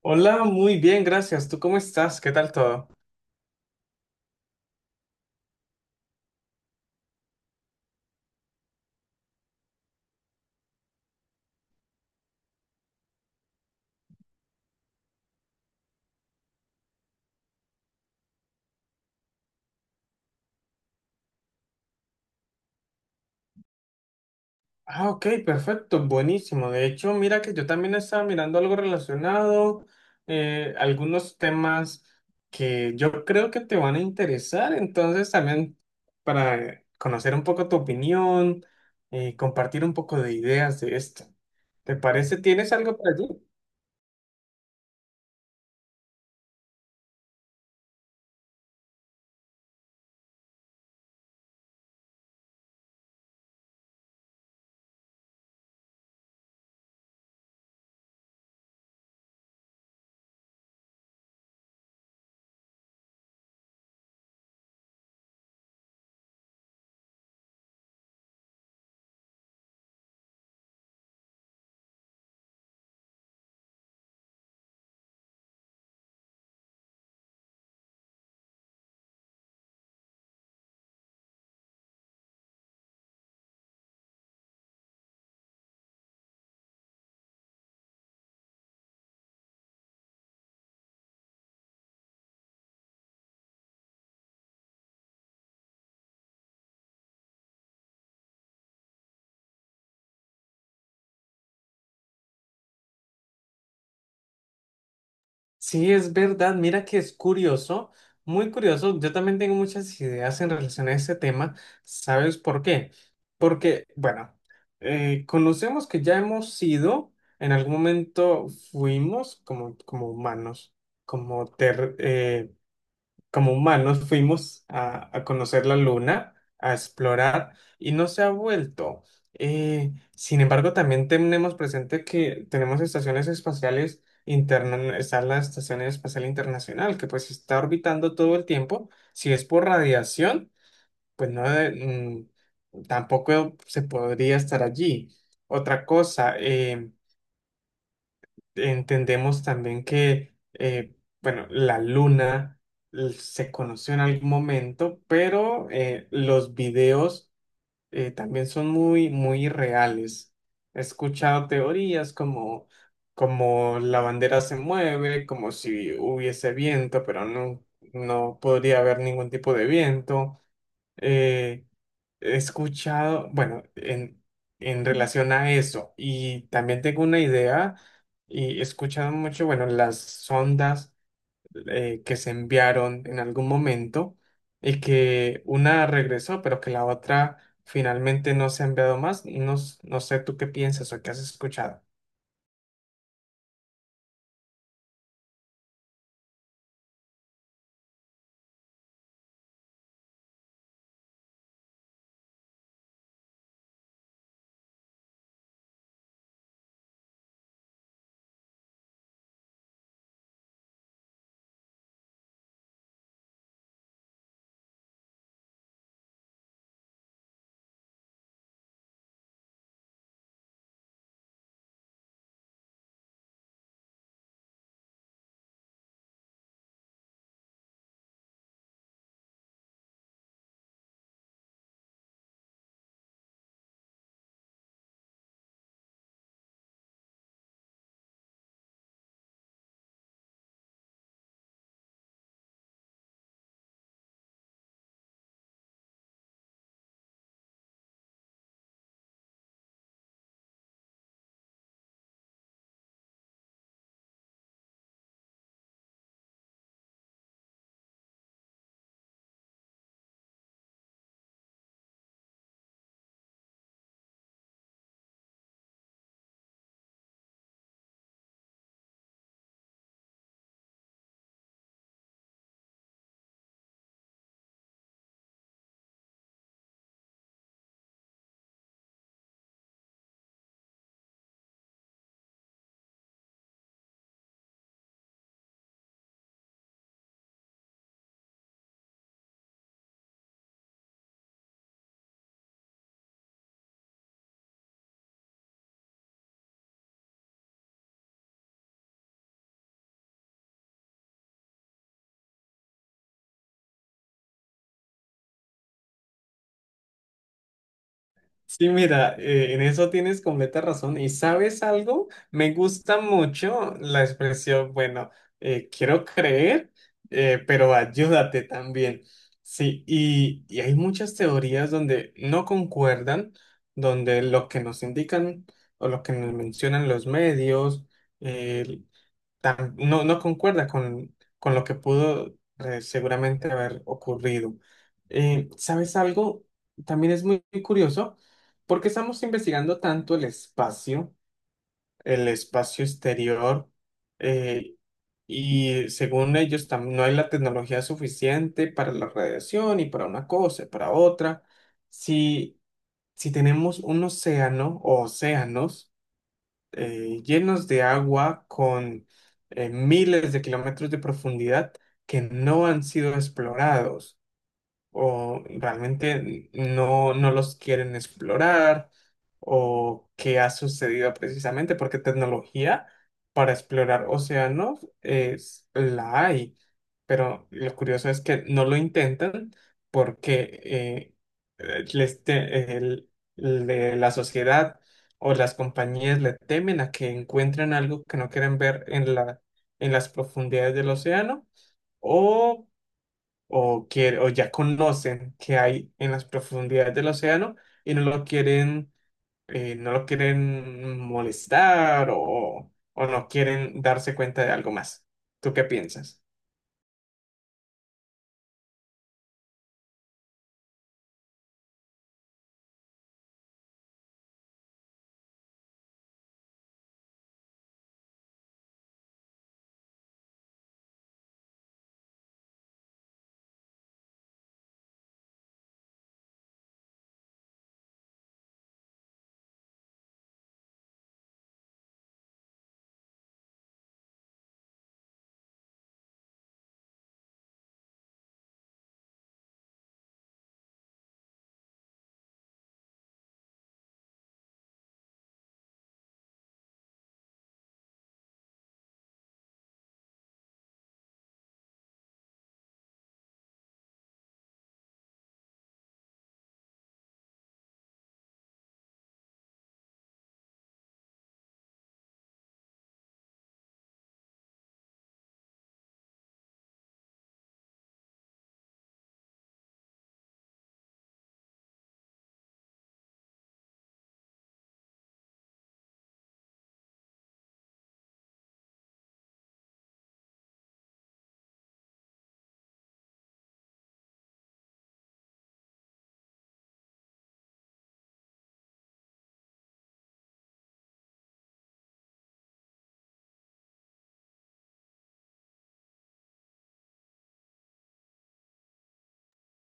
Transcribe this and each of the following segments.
Hola, muy bien, gracias. ¿Tú cómo estás? ¿Qué tal todo? Ah, ok, perfecto, buenísimo. De hecho, mira que yo también estaba mirando algo relacionado, algunos temas que yo creo que te van a interesar. Entonces, también para conocer un poco tu opinión, compartir un poco de ideas de esto. ¿Te parece? ¿Tienes algo para allí? Sí, es verdad. Mira que es curioso, muy curioso. Yo también tengo muchas ideas en relación a este tema. ¿Sabes por qué? Porque, bueno, conocemos que ya hemos sido, en algún momento fuimos como como humanos fuimos a conocer la luna, a explorar, y no se ha vuelto. Sin embargo, también tenemos presente que tenemos estaciones espaciales internas, está la Estación Espacial Internacional, que pues está orbitando todo el tiempo. Si es por radiación, pues no, mm, tampoco se podría estar allí. Otra cosa. Entendemos también que, bueno, la luna se conoció en algún momento, pero los videos también son muy, muy reales. He escuchado teorías como, como la bandera se mueve, como si hubiese viento, pero no, no podría haber ningún tipo de viento. eh, He escuchado, bueno, en relación a eso, y también tengo una idea, y he escuchado mucho, bueno, las sondas que se enviaron en algún momento, y que una regresó, pero que la otra finalmente no se ha enviado más. No, no sé tú qué piensas o qué has escuchado. Sí, mira, en eso tienes completa razón. ¿Y sabes algo? Me gusta mucho la expresión, bueno, quiero creer, pero ayúdate también. Sí, y hay muchas teorías donde no concuerdan, donde lo que nos indican o lo que nos mencionan los medios, eh, no, no concuerda con lo que pudo seguramente haber ocurrido. ¿Sabes algo? También es muy, muy curioso porque estamos investigando tanto el espacio exterior, eh, y según ellos no hay la tecnología suficiente para la radiación y para una cosa y para otra. Si, si tenemos un océano o océanos, llenos de agua con miles de kilómetros de profundidad que no han sido explorados o realmente no, no los quieren explorar, o qué ha sucedido precisamente, porque tecnología para explorar océanos es, la hay, pero lo curioso es que no lo intentan porque les te- el- le- la sociedad o las compañías le temen a que encuentren algo que no quieren ver en en las profundidades del océano. O o ya conocen que hay en las profundidades del océano y no lo quieren, no lo quieren molestar o no quieren darse cuenta de algo más. ¿Tú qué piensas?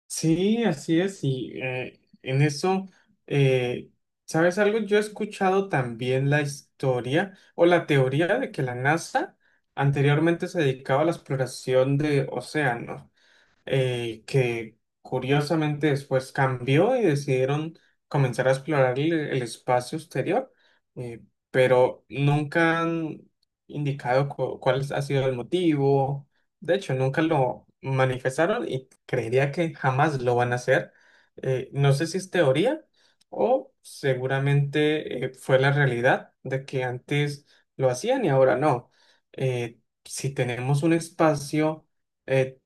Sí, así es, y en eso, eh, ¿sabes algo? Yo he escuchado también la historia o la teoría de que la NASA anteriormente se dedicaba a la exploración de océanos. Que curiosamente después cambió y decidieron comenzar a explorar el espacio exterior, eh, pero nunca han indicado cuál ha sido el motivo. De hecho, nunca lo manifestaron y creería que jamás lo van a hacer. No sé si es teoría o seguramente fue la realidad de que antes lo hacían y ahora no. Si tenemos un espacio eh,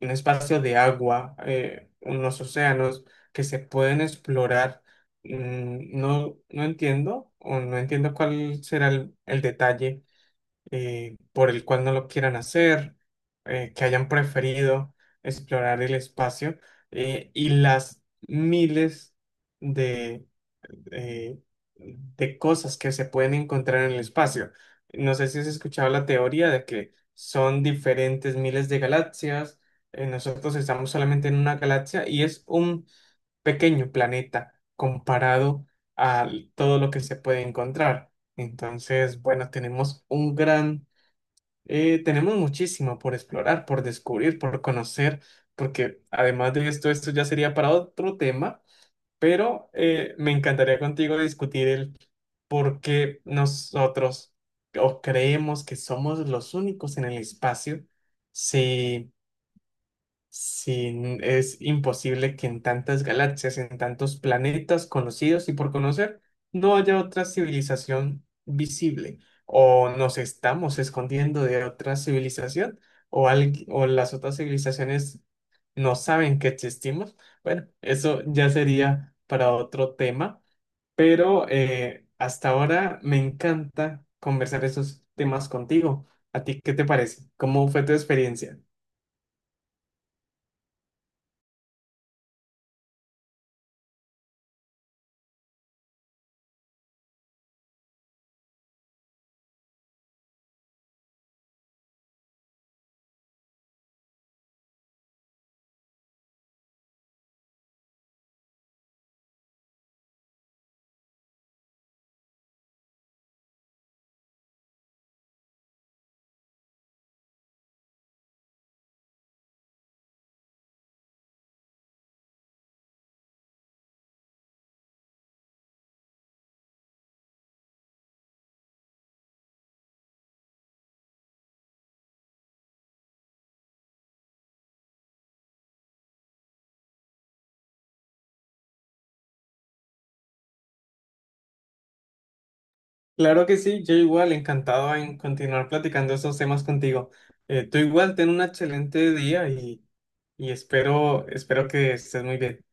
un espacio de agua, unos océanos que se pueden explorar. Mm, no, no entiendo, o no entiendo cuál será el detalle por el cual no lo quieran hacer, que hayan preferido explorar el espacio y las miles de eh, de cosas que se pueden encontrar en el espacio. No sé si has escuchado la teoría de que son diferentes miles de galaxias. Nosotros estamos solamente en una galaxia y es un pequeño planeta comparado a todo lo que se puede encontrar. Entonces, bueno, tenemos un gran, tenemos muchísimo por explorar, por descubrir, por conocer, porque además de esto, esto ya sería para otro tema, pero me encantaría contigo discutir el por qué nosotros o creemos que somos los únicos en el espacio, si sí, es imposible que en tantas galaxias, en tantos planetas conocidos y por conocer, no haya otra civilización visible. O nos estamos escondiendo de otra civilización, o, o las otras civilizaciones no saben que existimos. Bueno, eso ya sería para otro tema, pero hasta ahora me encanta conversar esos temas contigo. ¿A ti qué te parece? ¿Cómo fue tu experiencia? Claro que sí, yo igual encantado en continuar platicando esos temas contigo. Tú igual ten un excelente día y espero, espero que estés muy bien.